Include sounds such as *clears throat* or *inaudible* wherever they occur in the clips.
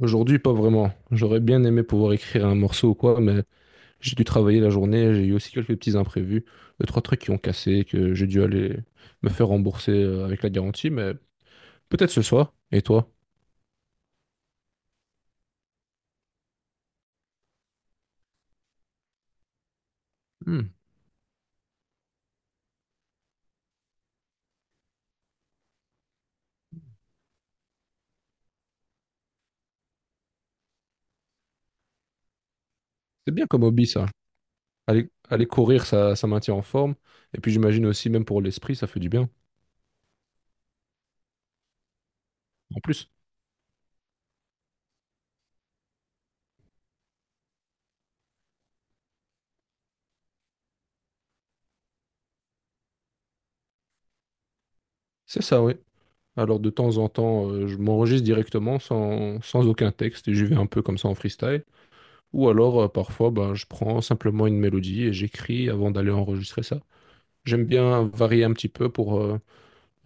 Aujourd'hui, pas vraiment. J'aurais bien aimé pouvoir écrire un morceau ou quoi, mais j'ai dû travailler la journée, j'ai eu aussi quelques petits imprévus, deux, trois trucs qui ont cassé, que j'ai dû aller me faire rembourser avec la garantie, mais peut-être ce soir. Et toi? Hmm. C'est bien comme hobby, ça. Aller courir, ça maintient en forme. Et puis j'imagine aussi, même pour l'esprit, ça fait du bien. En plus, c'est ça, oui. Alors de temps en temps, je m'enregistre directement sans aucun texte et j'y vais un peu comme ça en freestyle. Ou alors, parfois, ben, je prends simplement une mélodie et j'écris avant d'aller enregistrer ça. J'aime bien varier un petit peu pour euh,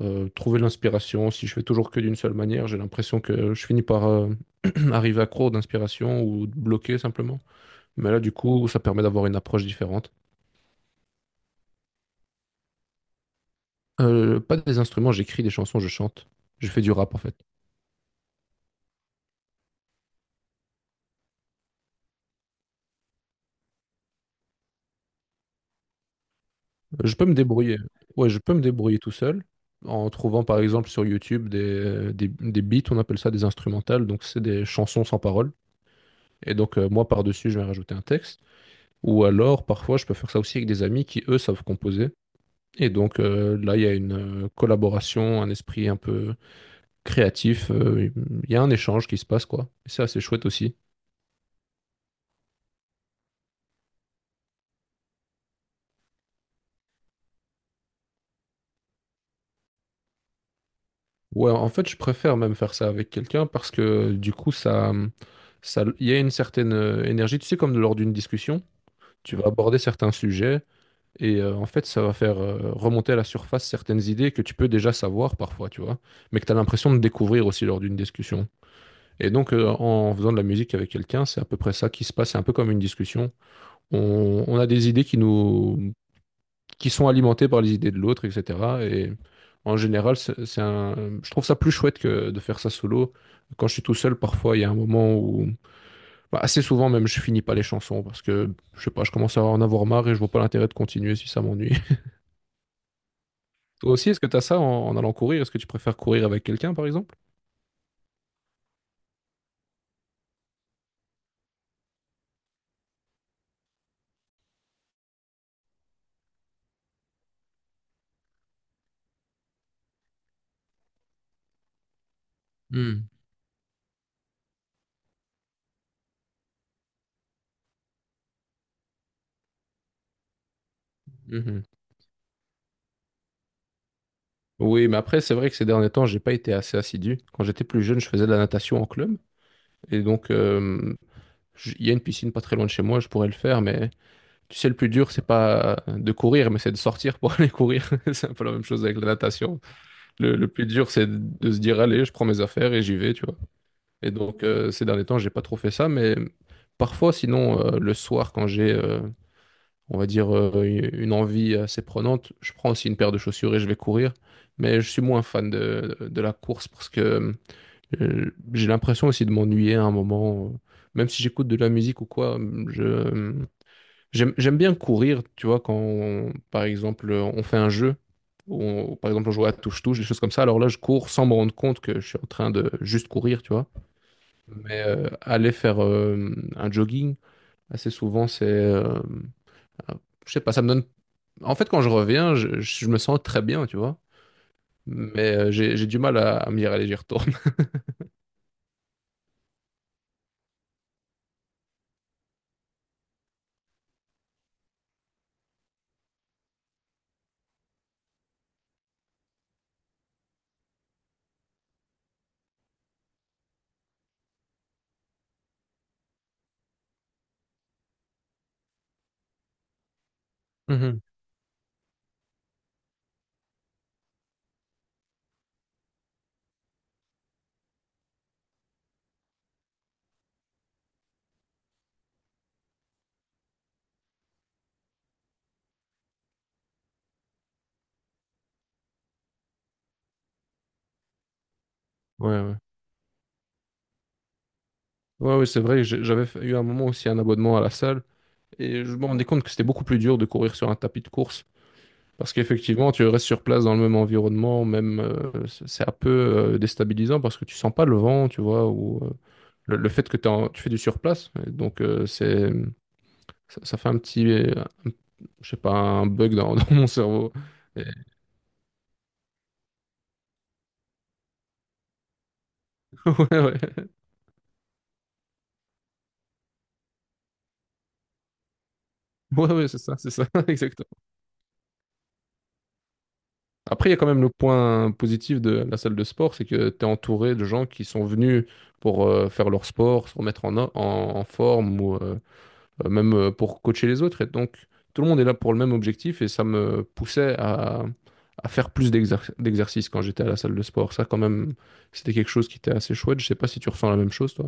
euh, trouver l'inspiration. Si je fais toujours que d'une seule manière, j'ai l'impression que je finis par *clears throat* arriver à accro d'inspiration ou bloqué simplement. Mais là, du coup, ça permet d'avoir une approche différente. Pas des instruments, j'écris des chansons, je chante. Je fais du rap en fait. Je peux me débrouiller. Ouais, je peux me débrouiller tout seul en trouvant par exemple sur YouTube des beats, on appelle ça des instrumentales, donc c'est des chansons sans paroles. Et donc, moi, par-dessus, je vais rajouter un texte. Ou alors, parfois, je peux faire ça aussi avec des amis qui, eux, savent composer. Et donc, là, il y a une collaboration, un esprit un peu créatif. Il y a un échange qui se passe, quoi. Et c'est assez chouette aussi. Ouais, en fait, je préfère même faire ça avec quelqu'un parce que, du coup, ça, il y a une certaine énergie. Tu sais, comme lors d'une discussion, tu vas aborder certains sujets. Et en fait, ça va faire remonter à la surface certaines idées que tu peux déjà savoir parfois, tu vois, mais que tu as l'impression de découvrir aussi lors d'une discussion. Et donc, en faisant de la musique avec quelqu'un, c'est à peu près ça qui se passe. C'est un peu comme une discussion. On a des idées qui nous, qui sont alimentées par les idées de l'autre, etc. Et en général, c'est un, je trouve ça plus chouette que de faire ça solo. Quand je suis tout seul, parfois, il y a un moment où, bah, assez souvent même, je finis pas les chansons parce que, je sais pas, je commence à en avoir marre et je vois pas l'intérêt de continuer si ça m'ennuie. Toi aussi, est-ce que tu as ça en allant courir? Est-ce que tu préfères courir avec quelqu'un, par exemple? Hmm. Mhm. Oui, mais après, c'est vrai que ces derniers temps, j'ai pas été assez assidu. Quand j'étais plus jeune, je faisais de la natation en club. Et donc, il y a une piscine pas très loin de chez moi, je pourrais le faire. Mais tu sais, le plus dur, c'est pas de courir, mais c'est de sortir pour *laughs* aller courir. *laughs* C'est un peu la même chose avec la natation. Le plus dur, c'est de se dire, allez, je prends mes affaires et j'y vais, tu vois. Et donc, ces derniers temps, j'ai pas trop fait ça. Mais parfois, sinon, le soir, quand j'ai on va dire, une envie assez prenante. Je prends aussi une paire de chaussures et je vais courir. Mais je suis moins fan de la course parce que j'ai l'impression aussi de m'ennuyer à un moment. Même si j'écoute de la musique ou quoi, je, j'aime bien courir, tu vois, quand, par exemple, on fait un jeu. Où par exemple, on joue à touche-touche, des choses comme ça. Alors là, je cours sans me rendre compte que je suis en train de juste courir, tu vois. Mais aller faire un jogging, assez souvent, c'est, ah, je sais pas, ça me donne. En fait, quand je reviens, je me sens très bien, tu vois. Mais j'ai du mal à me dire, allez, j'y retourne. *laughs* Mhm. Ouais, ouais. Ouais, ouais, c'est vrai, que j'avais eu un moment aussi un abonnement à la salle et je me rendais compte que c'était beaucoup plus dur de courir sur un tapis de course parce qu'effectivement, tu restes sur place dans le même environnement, même c'est un peu déstabilisant parce que tu sens pas le vent, tu vois, ou le fait que t'es tu fais du surplace, et donc c'est ça, ça fait un petit, un- je sais pas, un bug *laughs* dans mon cerveau. *laughs* Ouais, ouais. Ouais, ouais, c'est ça, *laughs* exactement. Après, il y a quand même le point positif de la salle de sport, c'est que tu es entouré de gens qui sont venus pour faire leur sport, se remettre en forme ou même pour coacher les autres. Et donc, tout le monde est là pour le même objectif et ça me poussait à faire plus d'exercices quand j'étais à la salle de sport. Ça, quand même, c'était quelque chose qui était assez chouette. Je sais pas si tu ressens la même chose, toi.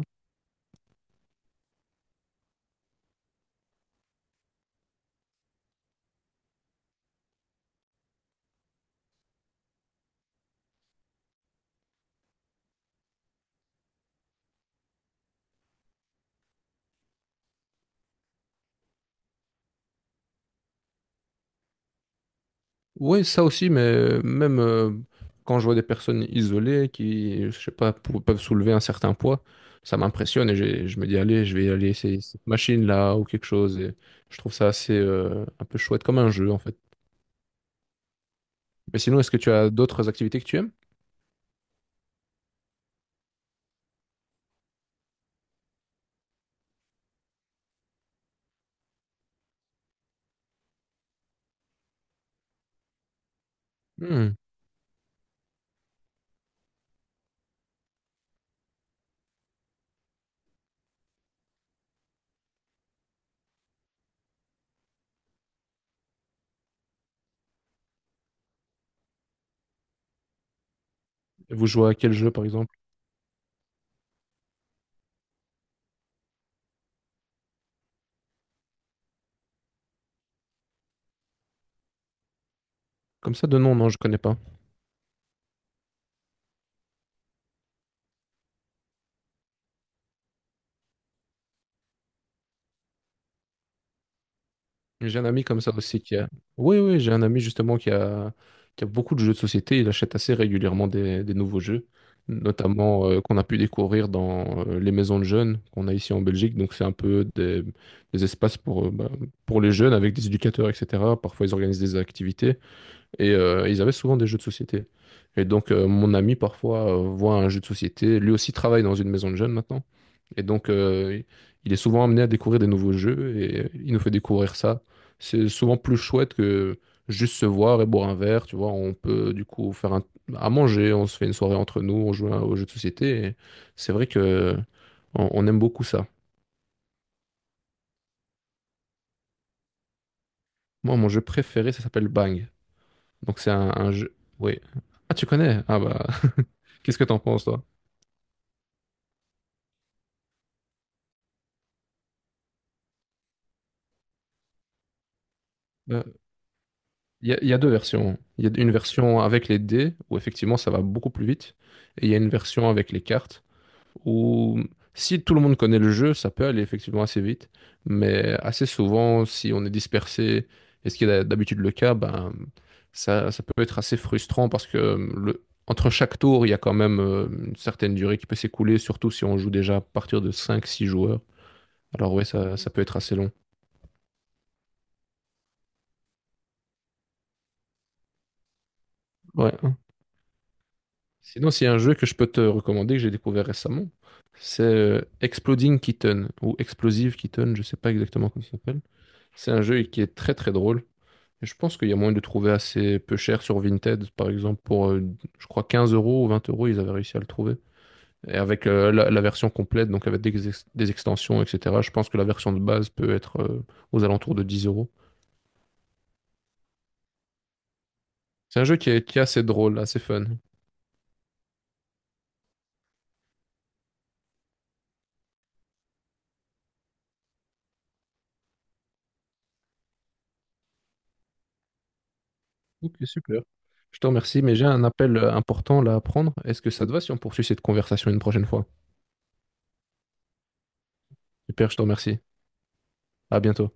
Oui, ça aussi, mais même quand je vois des personnes isolées qui, je sais pas, peuvent soulever un certain poids, ça m'impressionne et je me dis, allez, je vais aller essayer cette machine-là ou quelque chose. Et je trouve ça assez un peu chouette, comme un jeu en fait. Mais sinon, est-ce que tu as d'autres activités que tu aimes? Hmm. Et vous jouez à quel jeu, par exemple? Comme ça, de nom, non, je connais pas. J'ai un ami comme ça aussi qui a. Oui, oui, j'ai un ami justement qui a beaucoup de jeux de société. Il achète assez régulièrement des nouveaux jeux, notamment qu'on a pu découvrir dans les maisons de jeunes qu'on a ici en Belgique. Donc, c'est un peu des espaces pour, bah, pour les jeunes avec des éducateurs, etc. Parfois, ils organisent des activités et ils avaient souvent des jeux de société. Et donc, mon ami, parfois, voit un jeu de société. Lui aussi travaille dans une maison de jeunes maintenant. Et donc, il est souvent amené à découvrir des nouveaux jeux et il nous fait découvrir ça. C'est souvent plus chouette que juste se voir et boire un verre, tu vois. On peut du coup faire à manger, on se fait une soirée entre nous, on joue aux jeux de société. Et c'est vrai que on aime beaucoup ça. Moi, mon jeu préféré, ça s'appelle Bang. Donc, c'est un jeu. Oui. Ah, tu connais? Ah bah, *laughs* qu'est-ce que t'en penses, toi? Ben, Il y a deux versions. Il y a une version avec les dés, où effectivement ça va beaucoup plus vite, et il y a une version avec les cartes. Où si tout le monde connaît le jeu, ça peut aller effectivement assez vite, mais assez souvent, si on est dispersé, et ce qui est d'habitude le cas, ben, ça peut être assez frustrant parce que entre chaque tour, il y a quand même une certaine durée qui peut s'écouler, surtout si on joue déjà à partir de cinq six joueurs. Alors ouais, ça peut être assez long. Ouais. Sinon, s'il y a un jeu que je peux te recommander, que j'ai découvert récemment, c'est Exploding Kitten, ou Explosive Kitten, je sais pas exactement comment ça s'appelle. C'est un jeu qui est très très drôle. Et je pense qu'il y a moyen de trouver assez peu cher sur Vinted, par exemple, pour, je crois, 15 euros ou 20 euros, ils avaient réussi à le trouver. Et avec la version complète, donc avec des extensions, etc., je pense que la version de base peut être aux alentours de 10 euros. C'est un jeu qui est, assez drôle, assez fun. Ok, super. Je te remercie, mais j'ai un appel important là à prendre. Est-ce que ça te va si on poursuit cette conversation une prochaine fois? Super, je te remercie. À bientôt.